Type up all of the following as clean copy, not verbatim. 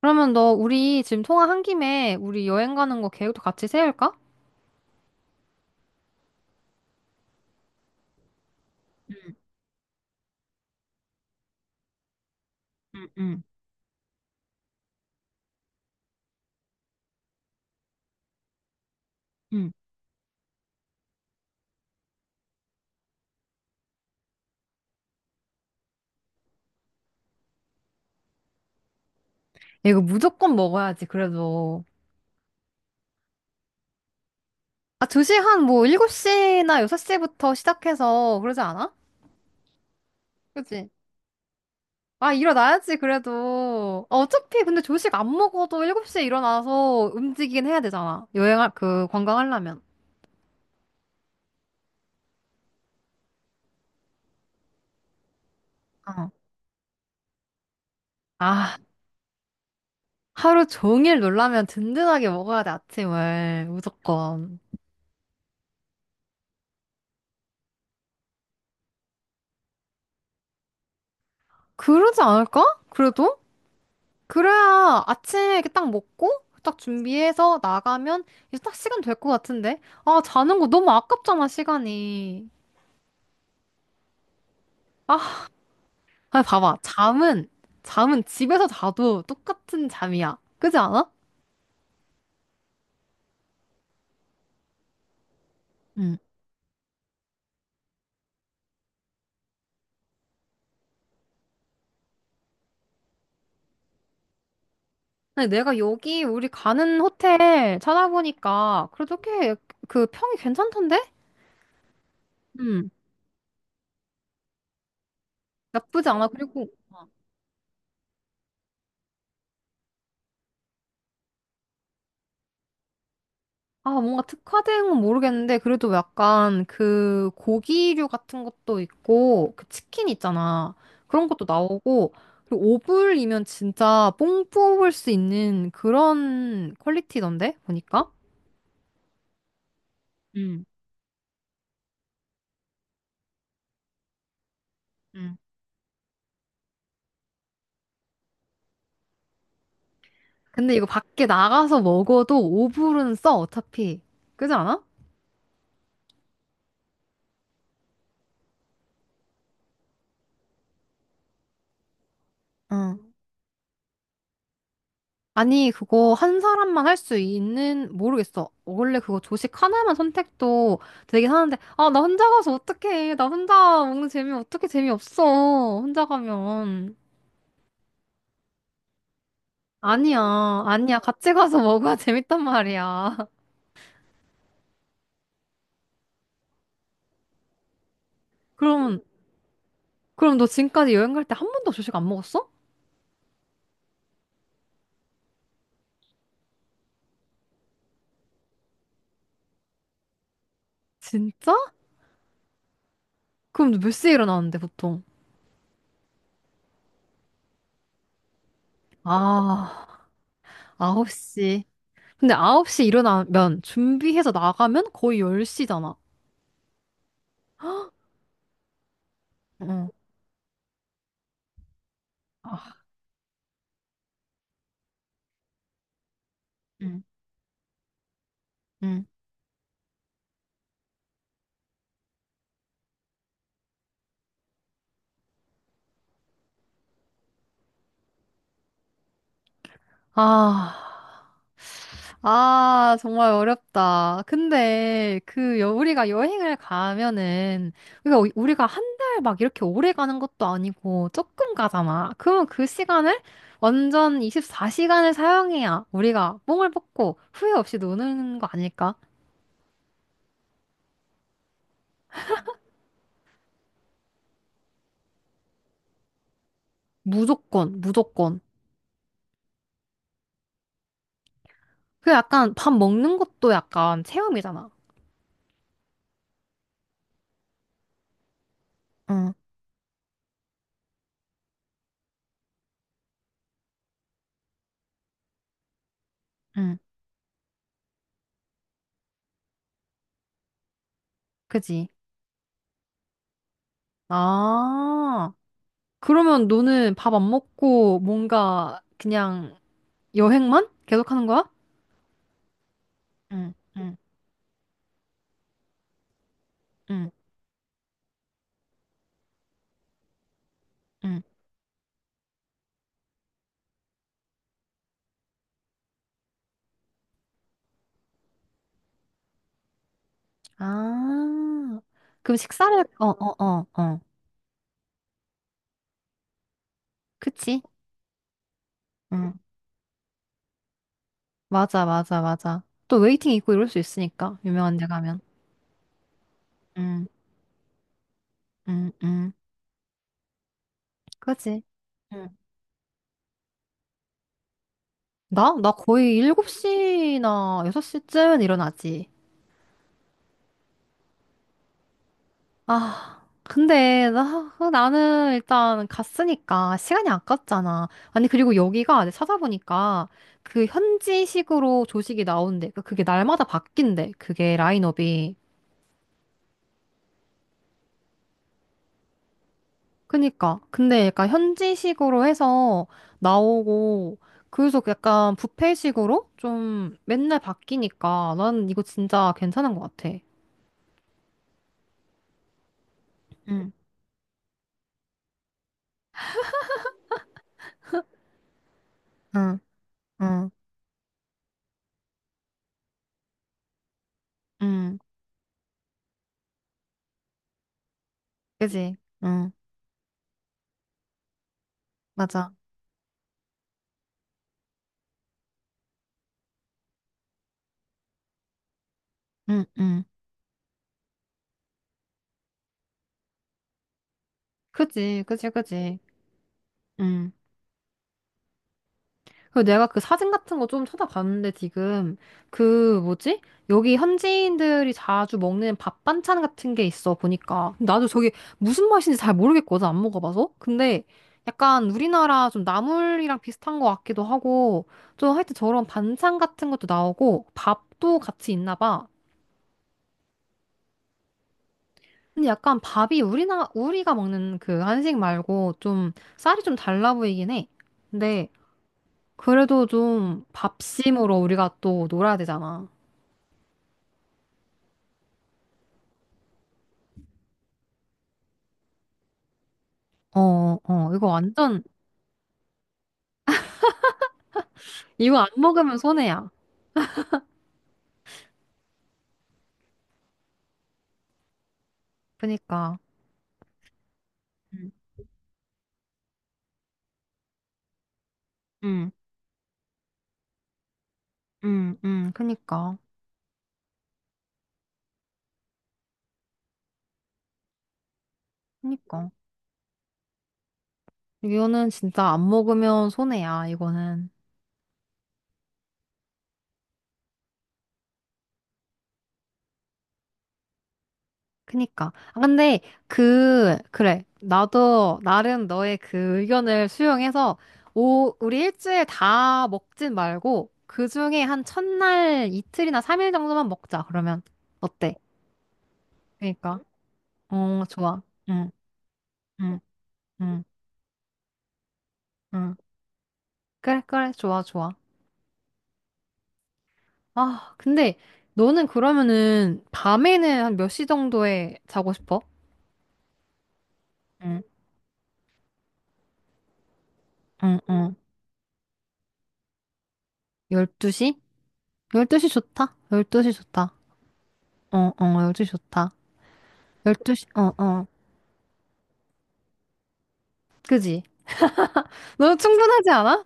그러면 너 우리 지금 통화한 김에 우리 여행 가는 거 계획도 같이 세울까? 응, 응, 응. 야, 이거 무조건 먹어야지, 그래도. 아, 2시한 뭐 7시나 6시부터 시작해서 그러지 않아? 그치? 아, 일어나야지, 그래도. 아, 어차피 근데 조식 안 먹어도 7시에 일어나서 움직이긴 해야 되잖아. 여행할, 그, 관광하려면. 어. 아, 하루 종일 놀라면 든든하게 먹어야 돼, 아침을. 무조건. 그러지 않을까? 그래도? 그래야 아침에 이렇게 딱 먹고 딱 준비해서 나가면 이제 딱 시간 될 것 같은데. 아, 자는 거 너무 아깝잖아, 시간이. 아, 아, 봐봐. 잠은, 잠은 집에서 자도 똑같은 잠이야. 그지 않아? 응. 아니, 내가 여기 우리 가는 호텔 찾아보니까 그래도 꽤 그 평이 괜찮던데? 응. 나쁘지 않아. 그리고 아, 뭔가 특화된 건 모르겠는데, 그래도 약간 그 고기류 같은 것도 있고, 그 치킨 있잖아. 그런 것도 나오고, 그리고 오불이면 진짜 뽕 뽑을 수 있는 그런 퀄리티던데, 보니까. 응, 응. 근데 이거 밖에 나가서 먹어도 오불은 써, 어차피. 그지 않아? 어. 아니, 그거 한 사람만 할 수 있는, 모르겠어. 원래 그거 조식 하나만 선택도 되긴 하는데, 아, 나 혼자 가서 어떡해. 나 혼자 먹는 재미 어떻게 재미없어. 혼자 가면. 아니야, 아니야. 같이 가서 먹어야 재밌단 말이야. 그럼, 그럼 너 지금까지 여행 갈 때 한 번도 조식 안 먹었어? 진짜? 그럼 너 몇 시에 일어나는데, 보통? 아, 9시. 근데 9시 일어나면, 준비해서 나가면 거의 10시잖아. 응. 아, 응. 응. 아, 아, 정말 어렵다. 근데 그 여, 우리가 여행을 가면은 우리가 우리가 한 달 막 이렇게 오래 가는 것도 아니고 조금 가잖아. 그럼 그 시간을 완전 24시간을 사용해야 우리가 뽕을 뽑고 후회 없이 노는 거 아닐까? 무조건, 무조건. 그 약간 밥 먹는 것도 약간 체험이잖아. 응, 응, 그지? 아, 그러면 너는 밥 안 먹고 뭔가 그냥 여행만 계속하는 거야? 응, 응, 응, 응. 아, 그럼 식사를, 어, 어, 어, 어. 그치? 응, 맞아, 맞아, 맞아. 또 웨이팅 있고 이럴 수 있으니까, 유명한 데 가면. 응, 응, 응. 그지? 응. 나? 나 거의 7시나 6시쯤 일어나지. 아, 근데 나는 일단 갔으니까 시간이 아깝잖아. 아니, 그리고 여기가 내가 찾아보니까 그 현지식으로 조식이 나온대. 그러니까 그게 날마다 바뀐대. 그게 라인업이. 그니까. 근데 약간 현지식으로 해서 나오고, 그래서 약간 뷔페식으로 좀 맨날 바뀌니까 난 이거 진짜 괜찮은 것 같아. 응, 응, 응, 응. 그지? 응, 맞아. 응, 응. 그지, 그지, 그지. 응. 그리고 내가 그 사진 같은 거 좀 찾아봤는데 지금 그 뭐지? 여기 현지인들이 자주 먹는 밥 반찬 같은 게 있어 보니까 근데 나도 저게 무슨 맛인지 잘 모르겠거든. 안 먹어봐서. 근데 약간 우리나라 좀 나물이랑 비슷한 것 같기도 하고 좀 하여튼 저런 반찬 같은 것도 나오고 밥도 같이 있나 봐. 근데 약간 밥이 우리나 우리가 먹는 그 한식 말고 좀 쌀이 좀 달라 보이긴 해. 근데 그래도 좀 밥심으로 우리가 또 놀아야 되잖아. 어, 어, 이거 완전, 이거 안 먹으면 손해야. 그니까. 응, 응, 응, 응, 그니까. 그니까. 이거는 진짜 안 먹으면 손해야, 이거는. 그니까. 아, 근데, 그래. 나도, 나름 너의 그 의견을 수용해서, 오, 우리 일주일 다 먹진 말고, 그 중에 한 첫날 이틀이나 삼일 정도만 먹자, 그러면. 어때? 그니까. 어, 좋아. 응, 응, 응, 응. 그래, 그래, 좋아, 좋아. 아, 근데 너는 그러면은 밤에는 한 몇 시 정도에 자고 싶어? 응, 응, 응. 12시? 12시 좋다. 12시 좋다. 어, 어, 12시 좋다. 12시, 어, 어. 그지? 너무 충분하지 않아?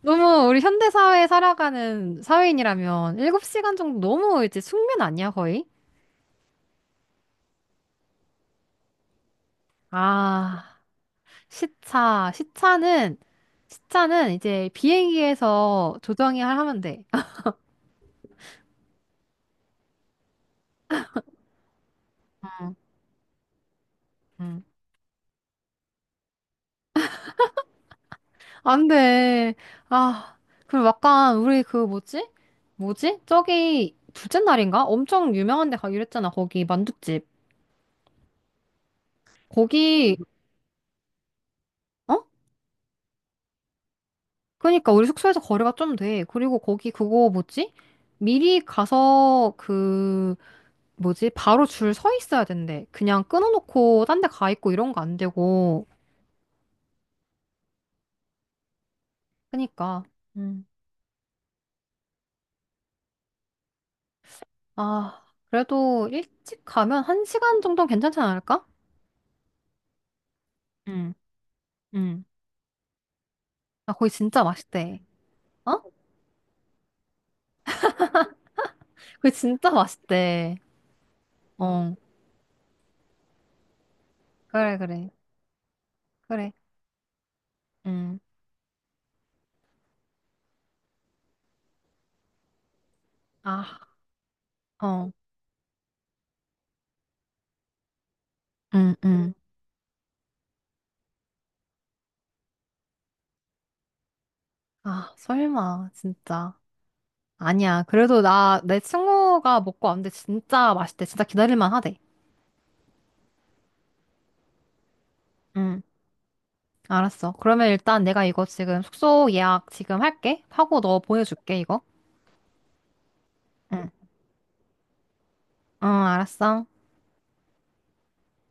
너무 우리 현대사회에 살아가는 사회인이라면 7시간 정도 너무 이제 숙면 아니야, 거의? 아, 시차, 시차는, 시차는 이제 비행기에서 조정이 하면 돼. 응, 응. 안 돼. 아, 그리고 약간 우리 그 뭐지? 뭐지? 저기 둘째 날인가? 엄청 유명한 데 가기로 했잖아. 거기 만둣집. 거기 어? 그러니까 우리 숙소에서 거리가 좀 돼. 그리고 거기 그거 뭐지? 미리 가서 그 뭐지? 바로 줄 서 있어야 된대. 그냥 끊어놓고 딴 데 가 있고 이런 거 안 되고. 그러니까. 아, 그래도 일찍 가면 한 시간 정도는 괜찮지 않을까? 응, 응. 아, 거기 진짜 맛있대. 어? 거기 진짜 맛있대. 어, 그래, 그래, 그래. 응, 아, 어. 응, 응. 아, 설마, 진짜. 아니야. 그래도 나, 내 친구가 먹고 왔는데 진짜 맛있대. 진짜 기다릴만 하대. 응. 알았어. 그러면 일단 내가 이거 지금 숙소 예약 지금 할게. 하고 너 보내줄게, 이거. 응. 응, 알았어.